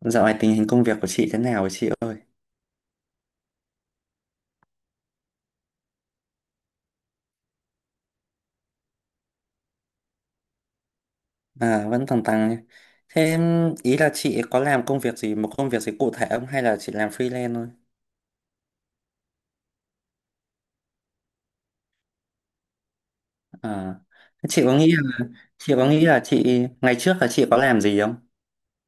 Dạo này tình hình công việc của chị thế nào rồi chị ơi? À, vẫn tăng tăng nhé. Thế ý là chị có làm công việc gì, một công việc gì cụ thể không hay là chị làm freelance thôi? À, thế chị có nghĩ là chị ngày trước là chị có làm gì không?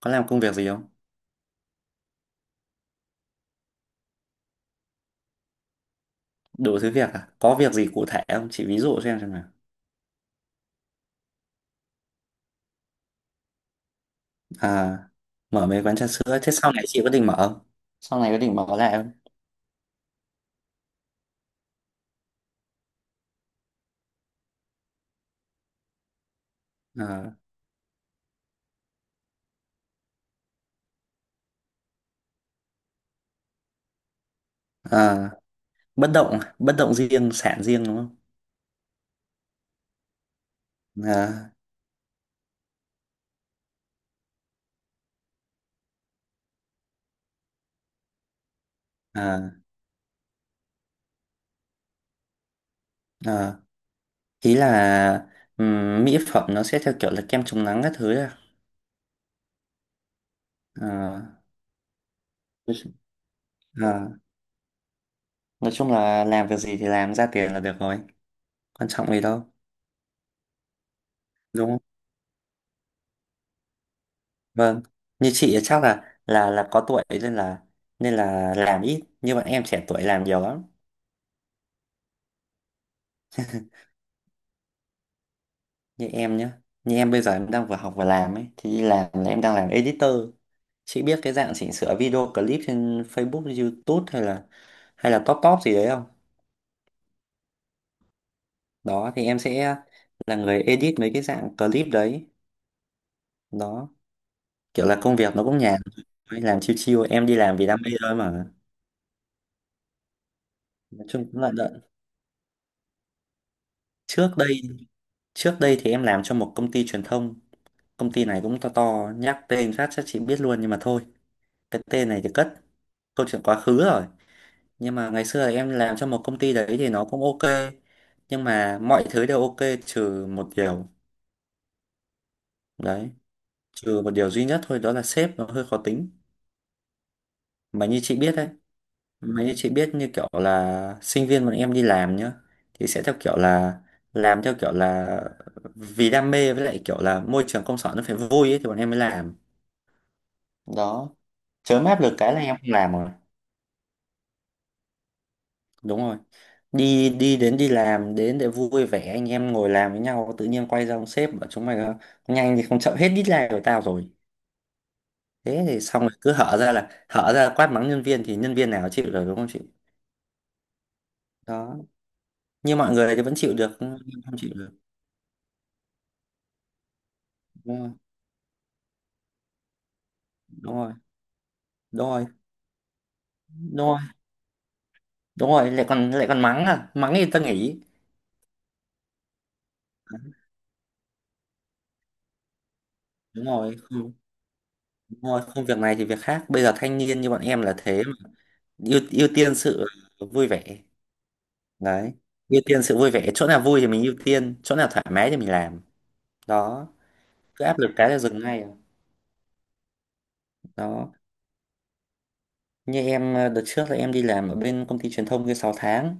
Có làm công việc gì không? Đủ thứ việc à? Có việc gì cụ thể không? Chị ví dụ xem nào. À, mở mấy quán trà sữa. Thế sau này chị có định mở không? Sau này có định mở lại không? À, à, bất động riêng, sản riêng đúng không? À, à, à. Ý là mỹ phẩm nó sẽ theo kiểu là kem chống nắng các thứ à? Ờ, nói chung ờ, nói chung là làm việc gì thì làm ra tiền là được rồi, quan trọng gì đâu, đúng không? Vâng, như chị thì chắc là có tuổi nên là làm ít, như bọn em trẻ tuổi làm nhiều lắm. Như em nhá, như em bây giờ em đang vừa học vừa làm ấy, thì đi làm là em đang làm editor. Chị biết cái dạng chỉnh sửa video clip trên Facebook, YouTube hay là top top gì đấy không? Đó thì em sẽ là người edit mấy cái dạng clip đấy. Đó, kiểu là công việc nó cũng nhàn thôi, làm chill chill, em đi làm vì đam mê thôi mà. Nói chung cũng lận đận, trước đây trước đây thì em làm cho một công ty truyền thông. Công ty này cũng to to, nhắc tên phát chắc chị biết luôn nhưng mà thôi, cái tên này thì cất, câu chuyện quá khứ rồi. Nhưng mà ngày xưa thì em làm cho một công ty đấy thì nó cũng ok, nhưng mà mọi thứ đều ok, trừ một điều. Đấy, trừ một điều duy nhất thôi, đó là sếp nó hơi khó tính. Mà như chị biết đấy, mấy chị biết như kiểu là sinh viên bọn em đi làm nhá, thì sẽ theo kiểu là, làm theo kiểu là vì đam mê, với lại kiểu là môi trường công sở nó phải vui ấy thì bọn em mới làm. Đó, chớ áp lực cái là em không làm rồi. Đúng rồi. Đi đi đến đi làm đến để vui vẻ, anh em ngồi làm với nhau tự nhiên quay ra ông sếp bảo chúng mày nhanh thì không, chậm hết deadline của tao rồi. Thế thì xong rồi, cứ hở ra là hở ra quát mắng nhân viên, thì nhân viên nào chịu được, đúng không chị? Đó, như mọi người thì vẫn chịu được nhưng em không chịu được. Đúng rồi, đúng rồi. Đúng rồi, đúng rồi, đúng rồi lại còn mắng, à mắng thì ta nghỉ. Đúng rồi, không, đúng rồi, không, việc này thì việc khác, bây giờ thanh niên như bọn em là thế mà. Ưu ưu tiên sự vui vẻ. Đấy, ưu tiên sự vui vẻ, chỗ nào vui thì mình ưu tiên, chỗ nào thoải mái thì mình làm. Đó, cứ áp lực cái là dừng ngay à. Đó, như em đợt trước là em đi làm ở bên công ty truyền thông kia 6 tháng,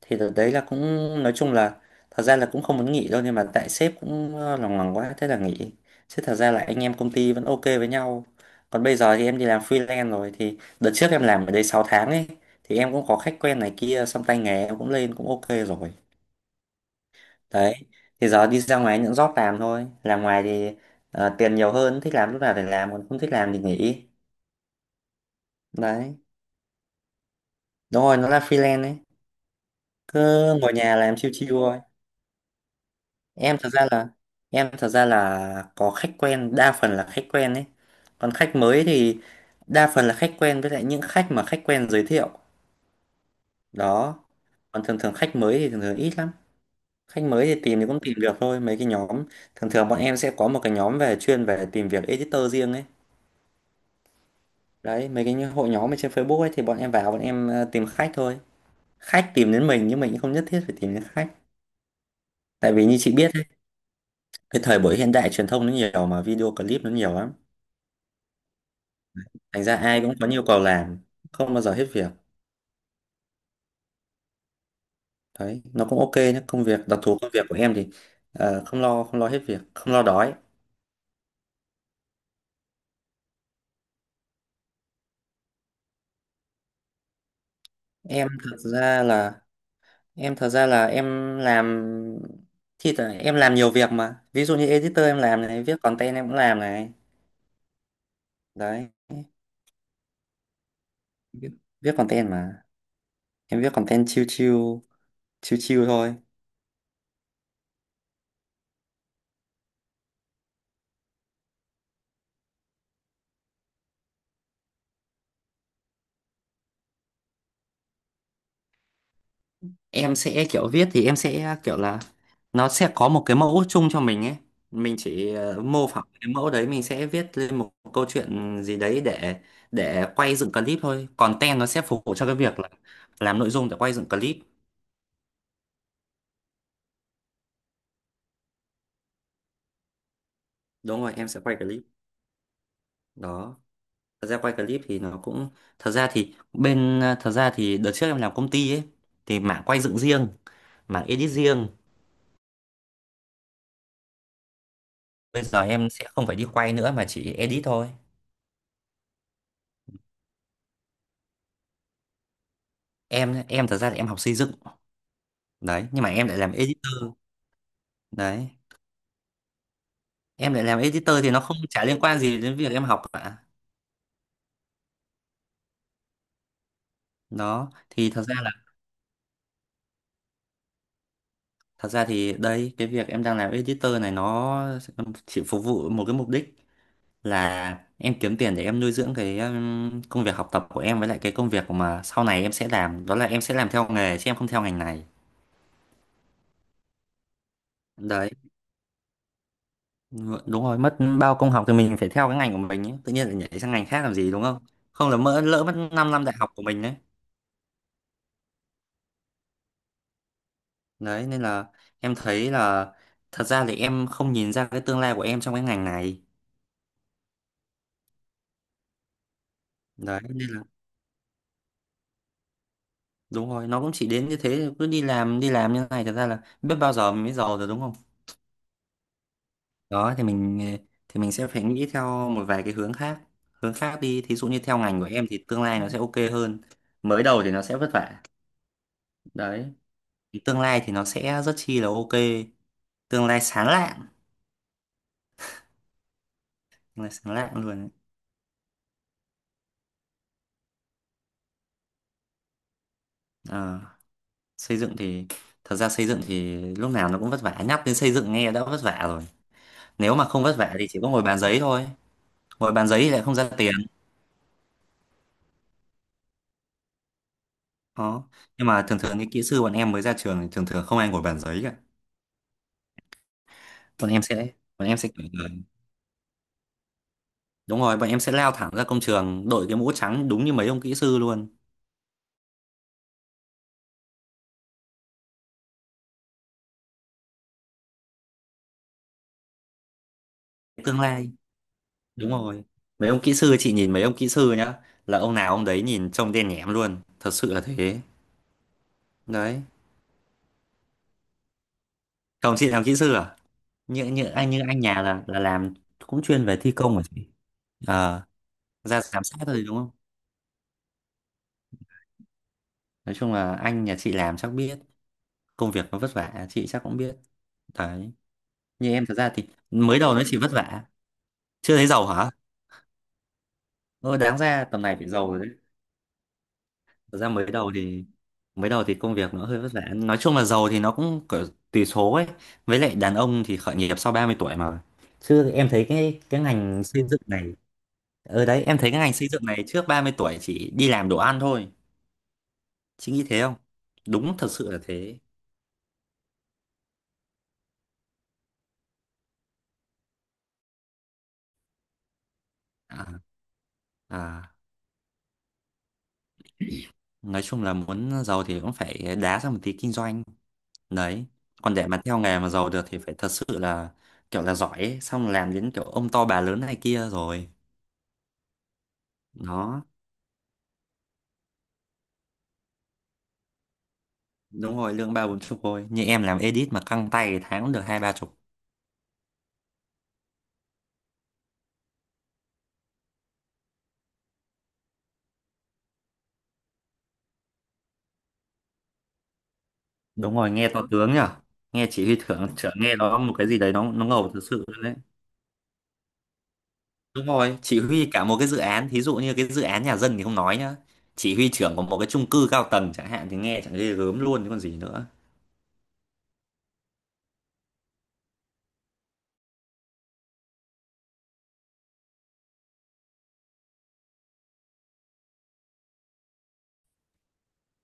thì đợt đấy là cũng, nói chung là, thật ra là cũng không muốn nghỉ đâu nhưng mà tại sếp cũng lòng lòng quá thế là nghỉ, chứ thật ra là anh em công ty vẫn ok với nhau. Còn bây giờ thì em đi làm freelance rồi, thì đợt trước em làm ở đây 6 tháng ấy, thì em cũng có khách quen này kia, xong tay nghề em cũng lên, cũng ok rồi. Đấy, thì giờ đi ra ngoài những job làm thôi, làm ngoài thì tiền nhiều hơn, thích làm lúc nào thì làm, còn không thích làm thì nghỉ. Đấy, đúng rồi, nó là freelance ấy, cứ ngồi nhà làm chill chill. Em thật ra là em thật ra là có khách quen, đa phần là khách quen ấy, còn khách mới thì đa phần là khách quen với lại những khách mà khách quen giới thiệu. Đó, còn thường thường khách mới thì thường thường ít lắm. Khách mới thì tìm thì cũng tìm được thôi mấy cái nhóm, thường thường bọn em sẽ có một cái nhóm về chuyên về tìm việc editor riêng ấy. Đấy, mấy cái hội nhóm ở trên Facebook ấy thì bọn em vào, bọn em tìm khách thôi. Khách tìm đến mình, nhưng mình cũng không nhất thiết phải tìm đến khách, tại vì như chị biết ấy, cái thời buổi hiện đại truyền thông nó nhiều mà, video clip nó nhiều lắm, thành ra ai cũng có nhiều cầu làm, không bao giờ hết việc. Đấy, nó cũng ok nhé, công việc đặc thù, công việc của em thì không lo, không lo hết việc, không lo đói. Em thật ra là em thật ra là em làm, thì là em làm nhiều việc mà, ví dụ như editor em làm này, viết content em cũng làm này. Đấy, viết, viết content mà, em viết content chill chill, chill chill thôi. Em sẽ kiểu viết thì Em sẽ kiểu là nó sẽ có một cái mẫu chung cho mình ấy, mình chỉ mô phỏng cái mẫu đấy, mình sẽ viết lên một câu chuyện gì đấy để quay dựng clip thôi. Content nó sẽ phục vụ cho cái việc là làm nội dung để quay dựng clip. Đúng rồi, em sẽ quay clip. Đó, thật ra quay clip thì nó cũng, thật ra thì đợt trước em làm công ty ấy thì mảng quay dựng riêng, mảng edit riêng. Bây giờ em sẽ không phải đi quay nữa mà chỉ edit thôi. Em thật ra thì em học xây dựng. Đấy, nhưng mà em lại làm editor. Đấy, em lại làm editor thì nó không, chả liên quan gì đến việc em học cả. Đó thì thật ra là, thật ra thì đây, cái việc em đang làm editor này nó chỉ phục vụ một cái mục đích, là em kiếm tiền để em nuôi dưỡng cái công việc học tập của em, với lại cái công việc mà sau này em sẽ làm, đó là em sẽ làm theo nghề chứ em không theo ngành này. Đấy, đúng rồi, mất bao công học thì mình phải theo cái ngành của mình ấy, tự nhiên lại nhảy sang ngành khác làm gì, đúng không? Không là mỡ mất 5 năm đại học của mình đấy. Đấy nên là, em thấy là, thật ra thì em không nhìn ra cái tương lai của em trong cái ngành này. Đấy nên là, đúng rồi, nó cũng chỉ đến như thế, cứ đi làm như thế này thật ra là biết bao giờ mình mới giàu rồi, đúng không? Đó thì mình, thì mình sẽ phải nghĩ theo một vài cái hướng khác đi, thí dụ như theo ngành của em thì tương lai nó sẽ ok hơn. Mới đầu thì nó sẽ vất vả. Đấy. Tương lai thì nó sẽ rất chi là ok, tương lai sáng lạng, tương lai sáng lạng luôn. Đấy, xây dựng thì, thật ra xây dựng thì lúc nào nó cũng vất vả, nhắc đến xây dựng nghe đã vất vả rồi. Nếu mà không vất vả thì chỉ có ngồi bàn giấy thôi, ngồi bàn giấy thì lại không ra tiền. Đó, nhưng mà thường thường những kỹ sư bọn em mới ra trường thì thường thường không ai ngồi bàn giấy cả. Bọn em sẽ bọn em sẽ kiểu là- Đúng rồi, bọn em sẽ lao thẳng ra công trường, đội cái mũ trắng đúng như mấy ông kỹ sư luôn. Tương lai, đúng rồi, mấy ông kỹ sư, chị nhìn mấy ông kỹ sư nhá, là ông nào ông đấy nhìn trông đen nhẻm luôn, thật sự là thế. Đấy, chồng chị làm kỹ sư à? Như như anh như anh nhà là làm cũng chuyên về thi công hả chị? Ờ, ra giám sát thôi đúng không? Nói chung là anh nhà chị làm chắc biết, công việc nó vất vả chị chắc cũng biết. Đấy, như em thật ra thì mới đầu nó chỉ vất vả. Chưa thấy giàu hả? Ờ, Đáng ra tầm này phải giàu rồi đấy. Thật ra mới đầu thì, mới đầu thì công việc nó hơi vất vả, nói chung là giàu thì nó cũng kiểu, tùy số ấy. Với lại đàn ông thì khởi nghiệp sau 30 tuổi mà, chứ em thấy cái ngành xây dựng này, ở đấy em thấy cái ngành xây dựng này trước 30 tuổi chỉ đi làm đồ ăn thôi. Chị nghĩ thế không? Đúng thật sự là thế. À, à, nói chung là muốn giàu thì cũng phải đá ra một tí kinh doanh. Đấy. Còn để mà theo nghề mà giàu được thì phải thật sự là kiểu là giỏi ấy. Xong làm đến kiểu ông to bà lớn này kia rồi. Đó. Đúng rồi, lương ba bốn chục thôi. Như em làm edit mà căng tay tháng cũng được hai ba chục. Đúng rồi, nghe to tướng nhở. Nghe chỉ huy thưởng trưởng, nghe nó một cái gì đấy nó ngầu thật sự đấy. Đúng rồi, chỉ huy cả một cái dự án, thí dụ như cái dự án nhà dân thì không nói nhá. Chỉ huy trưởng của một cái chung cư cao tầng chẳng hạn thì nghe chẳng ghê gớm luôn, chứ còn gì nữa.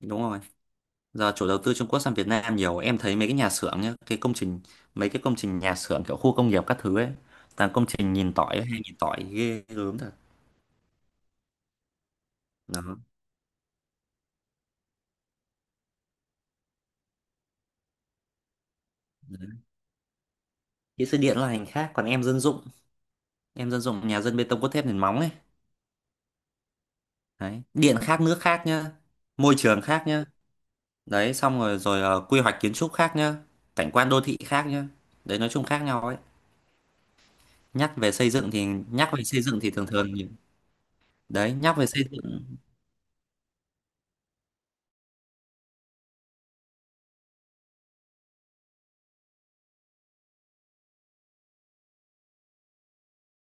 Đúng rồi. Giờ chủ đầu tư Trung Quốc sang Việt Nam nhiều, em thấy mấy cái nhà xưởng nhá, cái công trình, mấy cái công trình nhà xưởng kiểu khu công nghiệp các thứ ấy, toàn công trình nhìn tỏi, hay nhìn tỏi ghê gớm thật. Đó. Đấy. Kỹ sư điện là ngành khác, còn em dân dụng nhà dân bê tông cốt thép nền móng ấy. Đấy. Điện khác, nước khác nhá, môi trường khác nhá. Đấy, xong rồi rồi ờ, quy hoạch kiến trúc khác nhá, cảnh quan đô thị khác nhá. Đấy, nói chung khác nhau ấy. Nhắc về xây dựng thì, thường thường những- đấy, nhắc về xây dựng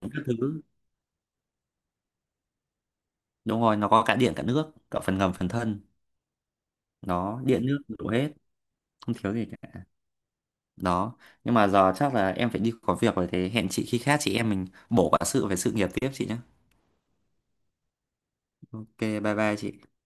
các thứ, đúng rồi, nó có cả điện cả nước, cả phần ngầm phần thân, nó điện nước đủ hết, không thiếu gì cả. Đó, nhưng mà giờ chắc là em phải đi có việc rồi, thế hẹn chị khi khác, chị em mình bổ quả sự về sự nghiệp tiếp chị nhé. Ok, bye bye chị.